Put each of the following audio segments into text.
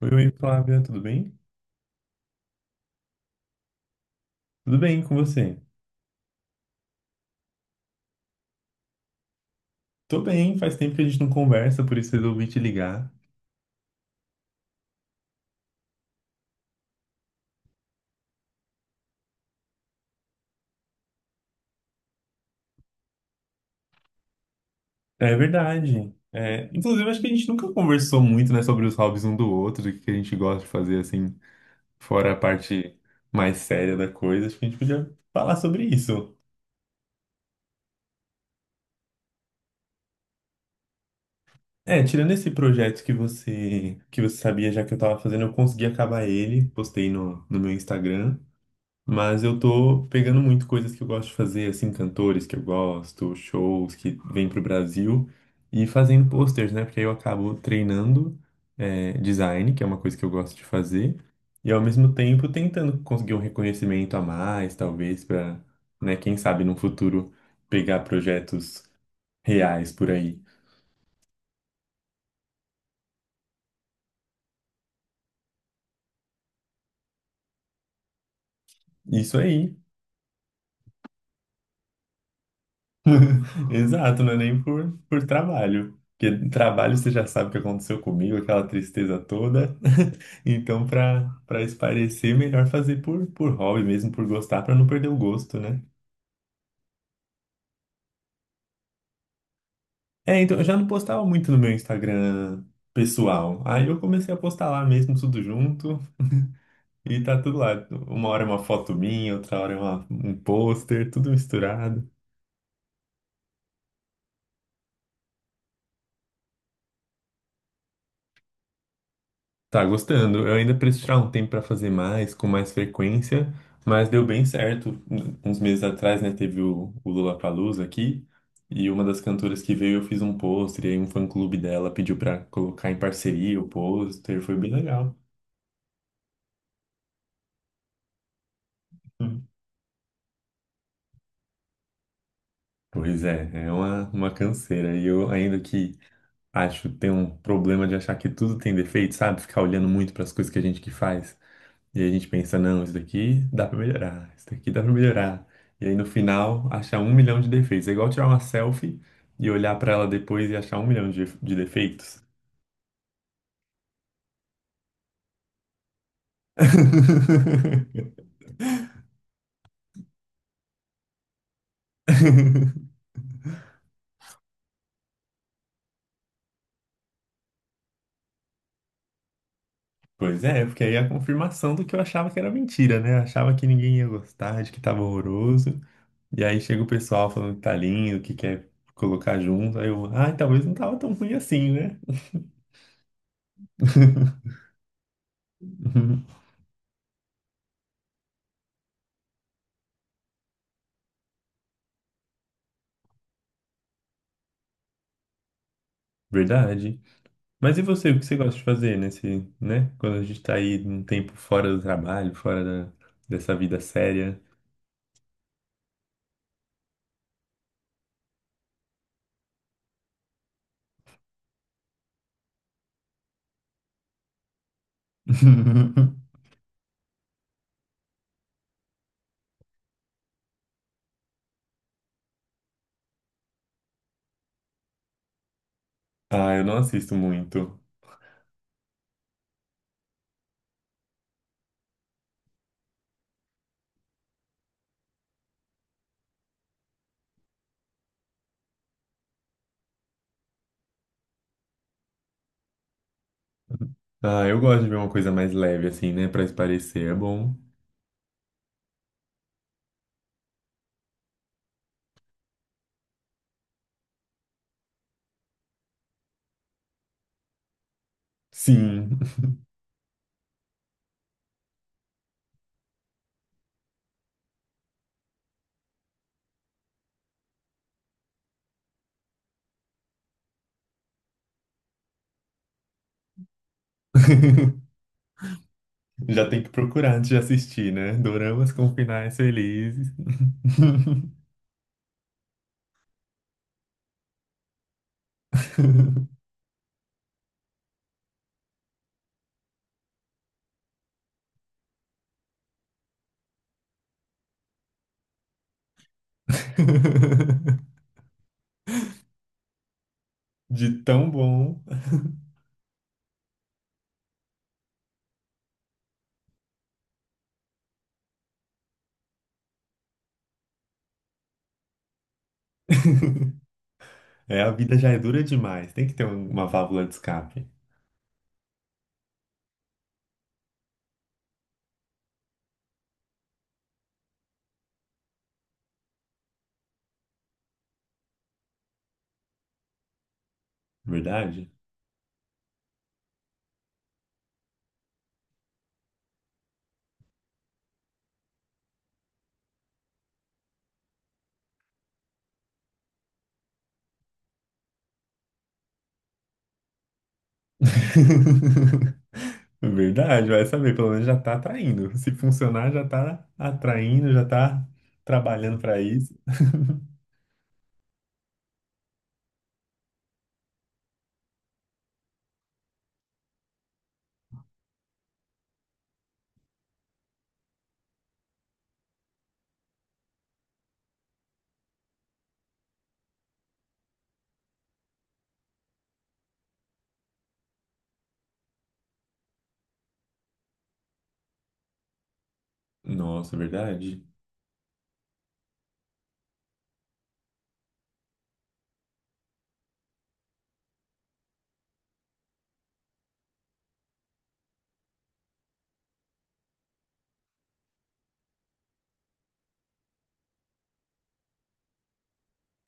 Oi, oi, Flávia, tudo bem? Tudo bem com você? Tô bem, faz tempo que a gente não conversa, por isso resolvi te ligar. É verdade. É, inclusive, acho que a gente nunca conversou muito, né, sobre os hobbies um do outro, o que a gente gosta de fazer, assim, fora a parte mais séria da coisa. Acho que a gente podia falar sobre isso. É, tirando esse projeto que você sabia já que eu tava fazendo, eu consegui acabar ele, postei no meu Instagram. Mas eu tô pegando muito coisas que eu gosto de fazer, assim, cantores que eu gosto, shows que vêm pro Brasil e fazendo posters, né? Porque aí eu acabo treinando é, design, que é uma coisa que eu gosto de fazer, e ao mesmo tempo tentando conseguir um reconhecimento a mais, talvez, pra, né, quem sabe no futuro pegar projetos reais por aí. Isso aí. Exato, não é nem por trabalho. Porque trabalho você já sabe o que aconteceu comigo, aquela tristeza toda. Então, para esparecer melhor fazer por hobby mesmo, por gostar, para não perder o gosto, né? É, então eu já não postava muito no meu Instagram pessoal. Aí eu comecei a postar lá mesmo, tudo junto, e tá tudo lá. Uma hora é uma foto minha, outra hora é um pôster, tudo misturado. Tá gostando. Eu ainda preciso tirar um tempo para fazer mais, com mais frequência, mas deu bem certo. Uns meses atrás, né, teve o Lollapalooza aqui, e uma das cantoras que veio eu fiz um pôster, e aí um fã-clube dela pediu para colocar em parceria o pôster, foi bem legal. Hum. Pois é, é uma canseira. E eu, ainda que acho, tem um problema de achar que tudo tem defeito, sabe? Ficar olhando muito para as coisas que a gente que faz. E aí a gente pensa, não, isso daqui dá pra melhorar, isso daqui dá pra melhorar. E aí no final, achar um milhão de defeitos. É igual tirar uma selfie e olhar pra ela depois e achar um milhão de defeitos. Pois é, porque aí é a confirmação do que eu achava que era mentira, né? Eu achava que ninguém ia gostar, de que tava horroroso. E aí chega o pessoal falando que tá lindo, que quer colocar junto. Aí eu, ai, talvez não tava tão ruim assim, né? Verdade. Mas e você, o que você gosta de fazer nesse, né? Quando a gente tá aí um tempo fora do trabalho, fora da, dessa vida séria. Ah, eu não assisto muito. Ah, eu gosto de ver uma coisa mais leve, assim, né? Pra espairecer, é bom. Sim. Já tem que procurar antes de assistir, né? Doramas com finais felizes. De tão bom. É, a vida já é dura demais. Tem que ter uma válvula de escape, verdade? Verdade, vai saber, pelo menos já tá atraindo. Se funcionar, já tá atraindo, já tá trabalhando para isso. Nossa, verdade.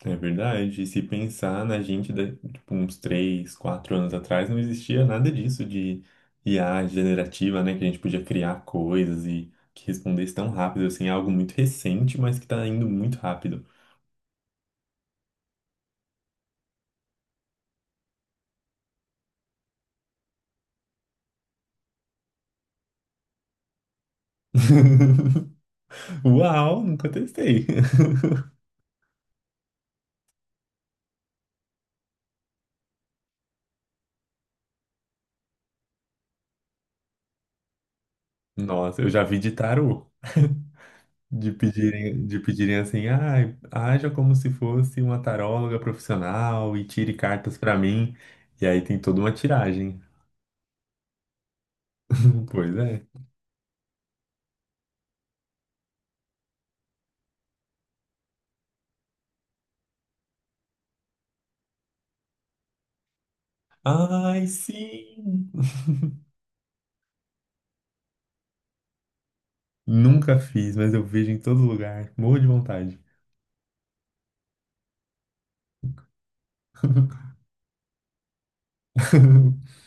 É verdade. E se pensar na gente, da, tipo, uns 3, 4 anos atrás, não existia nada disso de IA generativa, né? Que a gente podia criar coisas e que respondesse tão rápido, assim, é algo muito recente, mas que tá indo muito rápido. Uau, nunca testei. Nossa, eu já vi de tarô. De pedirem assim, ah, haja como se fosse uma taróloga profissional e tire cartas pra mim. E aí tem toda uma tiragem. Pois é. Ai, sim! Nunca fiz, mas eu vejo em todo lugar. Morro de vontade.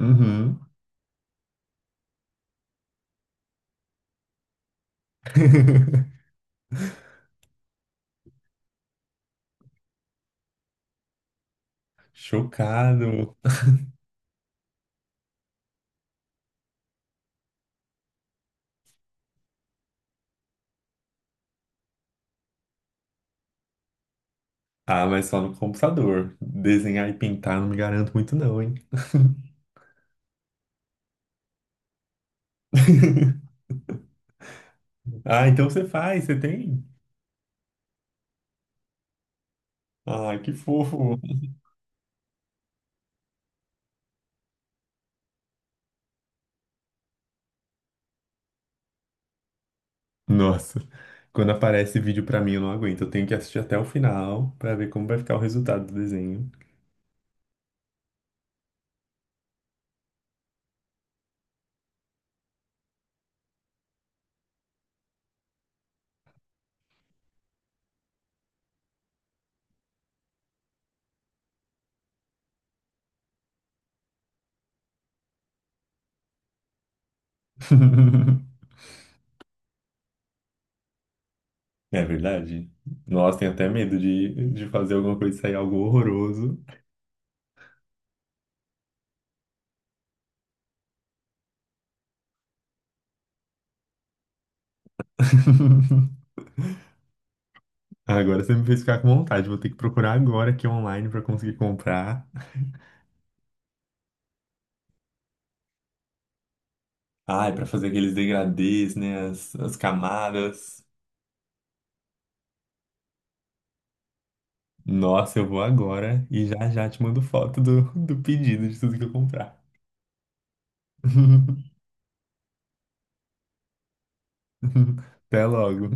Uhum. Chocado. Ah, mas só no computador. Desenhar e pintar não me garanto muito, não, hein? Ah, então você faz, você tem? Ah, que fofo. Nossa, quando aparece vídeo pra mim eu não aguento. Eu tenho que assistir até o final pra ver como vai ficar o resultado do desenho. É verdade. Nossa, tenho até medo de fazer alguma coisa e sair algo horroroso. Agora você me fez ficar com vontade. Vou ter que procurar agora aqui online pra conseguir comprar. Ai, pra fazer aqueles degradês, né? As camadas. Nossa, eu vou agora e já já te mando foto do pedido de tudo que eu comprar. Até logo.